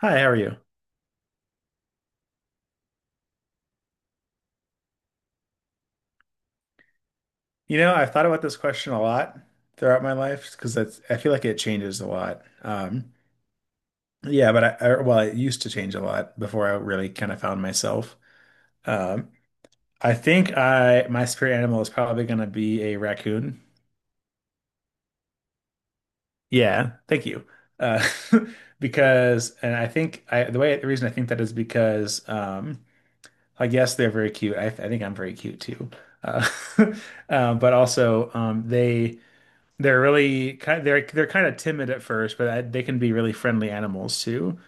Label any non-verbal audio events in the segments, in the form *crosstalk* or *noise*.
Hi, how are you? You know, I've thought about this question a lot throughout my life because that's I feel like it changes a lot. Yeah, but it used to change a lot before I really kind of found myself. Um, I think I my spirit animal is probably going to be a raccoon. Yeah, thank you. Uh, *laughs* because and I think I the way the reason I think that is because like yes, they're very cute. I think I'm very cute too. Uh, *laughs* but also They're kind of timid at first, but they can be really friendly animals too.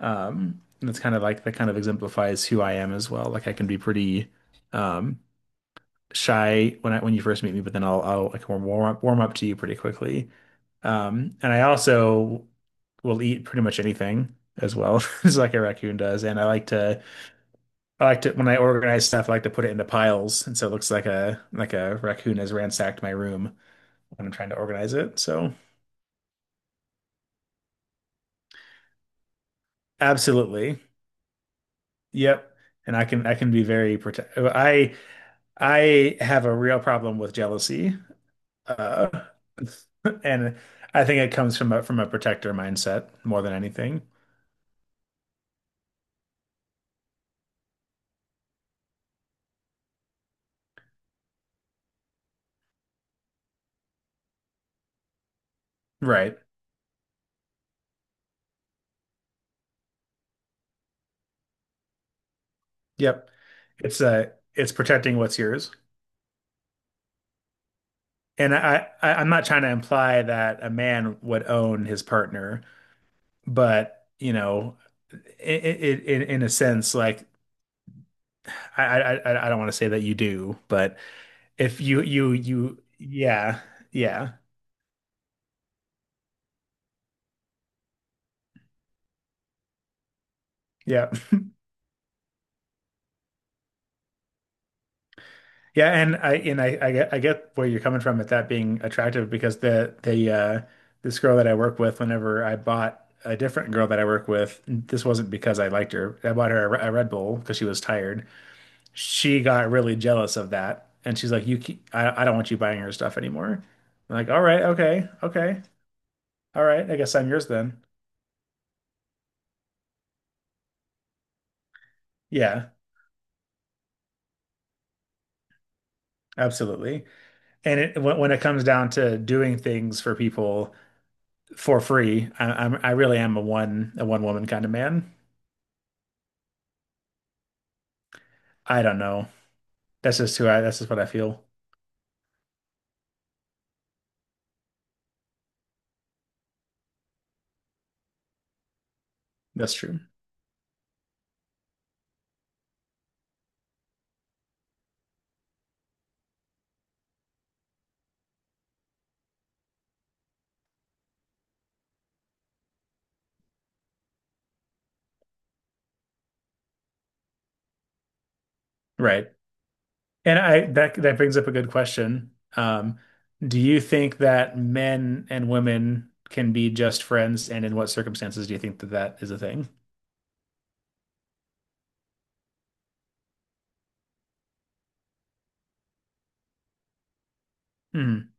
And it's kind of like that kind of exemplifies who I am as well. Like I can be pretty um shy when I when you first meet me, but then I'll like warm up to you pretty quickly. And I also will eat pretty much anything as well, *laughs* just like a raccoon does. And I like to when I organize stuff, I like to put it into piles, and so it looks like a raccoon has ransacked my room when I'm trying to organize it. So. Absolutely. Yep. And I can be very protect. I have a real problem with jealousy. Uh, *laughs* and I think it comes from a protector mindset more than anything. Right. Yep. It's protecting what's yours. And I'm not trying to imply that a man would own his partner, but you know, in a sense, like I don't want to say that you do, but if you yeah, yeah yeah yeah, and I get where you're coming from with that being attractive because the this girl that I work with whenever I bought a different girl that I work with, this wasn't because I liked her. I bought her a, a Red Bull because she was tired. She got really jealous of that, and she's like, "You keep, I don't want you buying her stuff anymore." I'm like, "All right, okay, okay, all right, I guess I'm yours then." Yeah, absolutely. And it when it comes down to doing things for people for free. I'm I really am a one woman kind of man. I don't know. That's just who I. That's just what I feel. That's true. Right. And I that that brings up a good question. Do you think that men and women can be just friends, and in what circumstances do you think that that is a thing? Mm,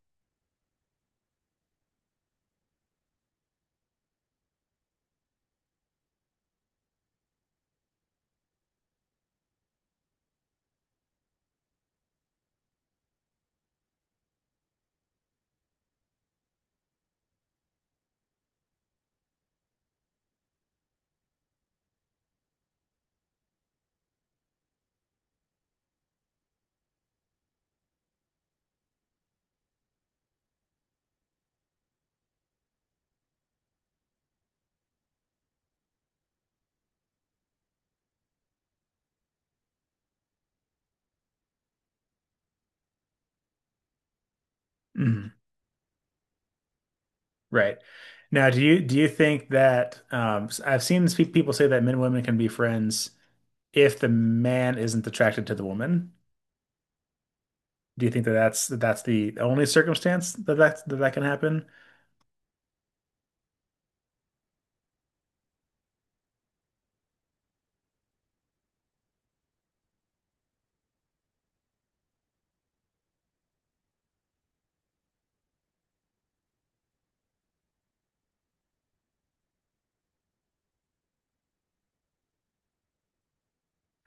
mm, right. Now, do you think that I've seen people say that men and women can be friends if the man isn't attracted to the woman? Do you think that that's that's the only circumstance that that can happen?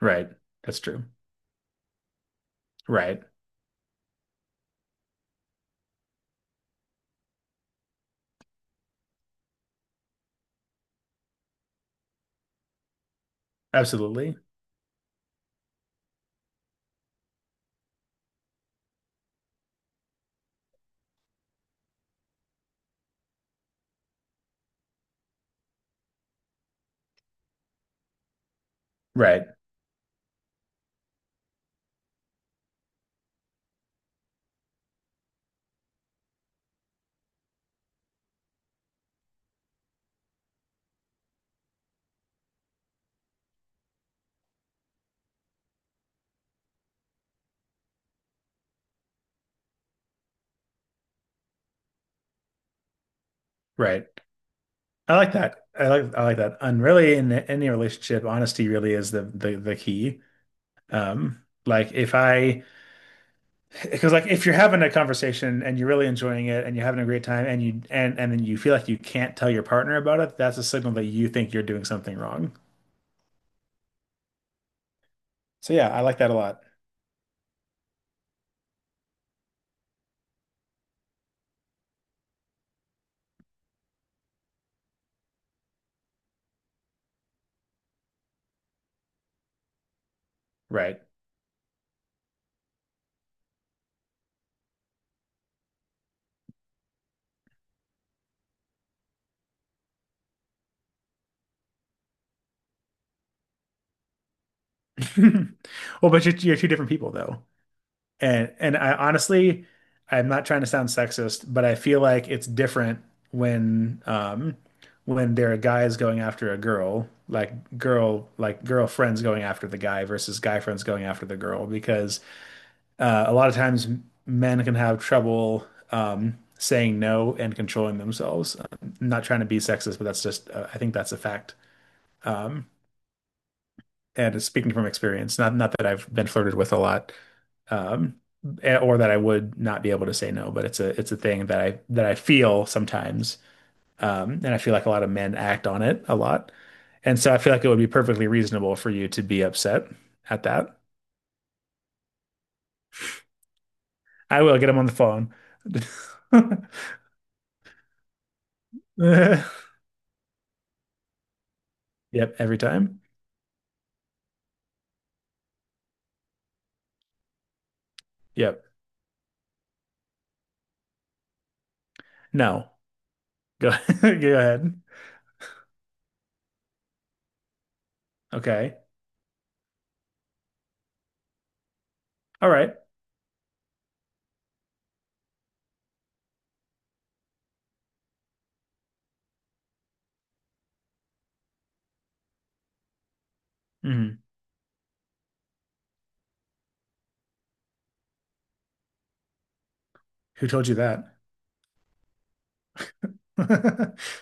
Right. That's true. Right. Absolutely. Right. Right. I like that. I like that. And really, in any relationship, honesty really is the key. Like if I, Because like if you're having a conversation and you're really enjoying it and you're having a great time and you and then you feel like you can't tell your partner about it, that's a signal that you think you're doing something wrong. So yeah, I like that a lot. Right. *laughs* Well, but you're two different people though. And I honestly, I'm not trying to sound sexist, but I feel like it's different when there are guys going after a girl, like girlfriends going after the guy versus guy friends going after the girl, because a lot of times men can have trouble saying no and controlling themselves. I'm not trying to be sexist, but that's just I think that's a fact. Um, and speaking from experience, not that I've been flirted with a lot, um, or that I would not be able to say no. But it's a thing that I feel sometimes, and I feel like a lot of men act on it a lot, and so I feel like it would be perfectly reasonable for you to be upset at that. I will get him on the phone. *laughs* Yep, every time. Yep. No. Go *laughs* go ahead. Okay. All right. Mhm. Who told you that? *laughs*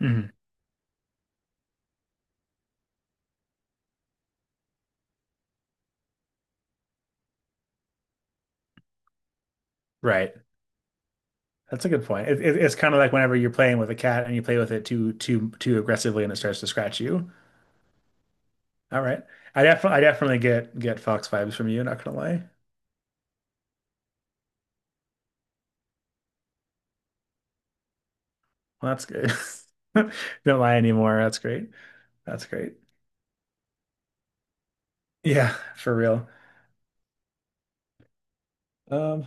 Mhm. Right. That's a good point. It's kind of like whenever you're playing with a cat and you play with it too aggressively and it starts to scratch you. All right. I definitely get fox vibes from you, not gonna lie. Well, that's good. *laughs* Don't lie anymore. That's great. That's great. Yeah, for real. Um,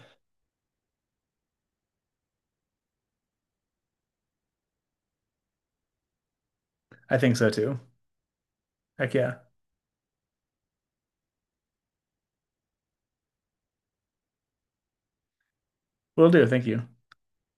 I think so too. Heck yeah. Will do. Thank you.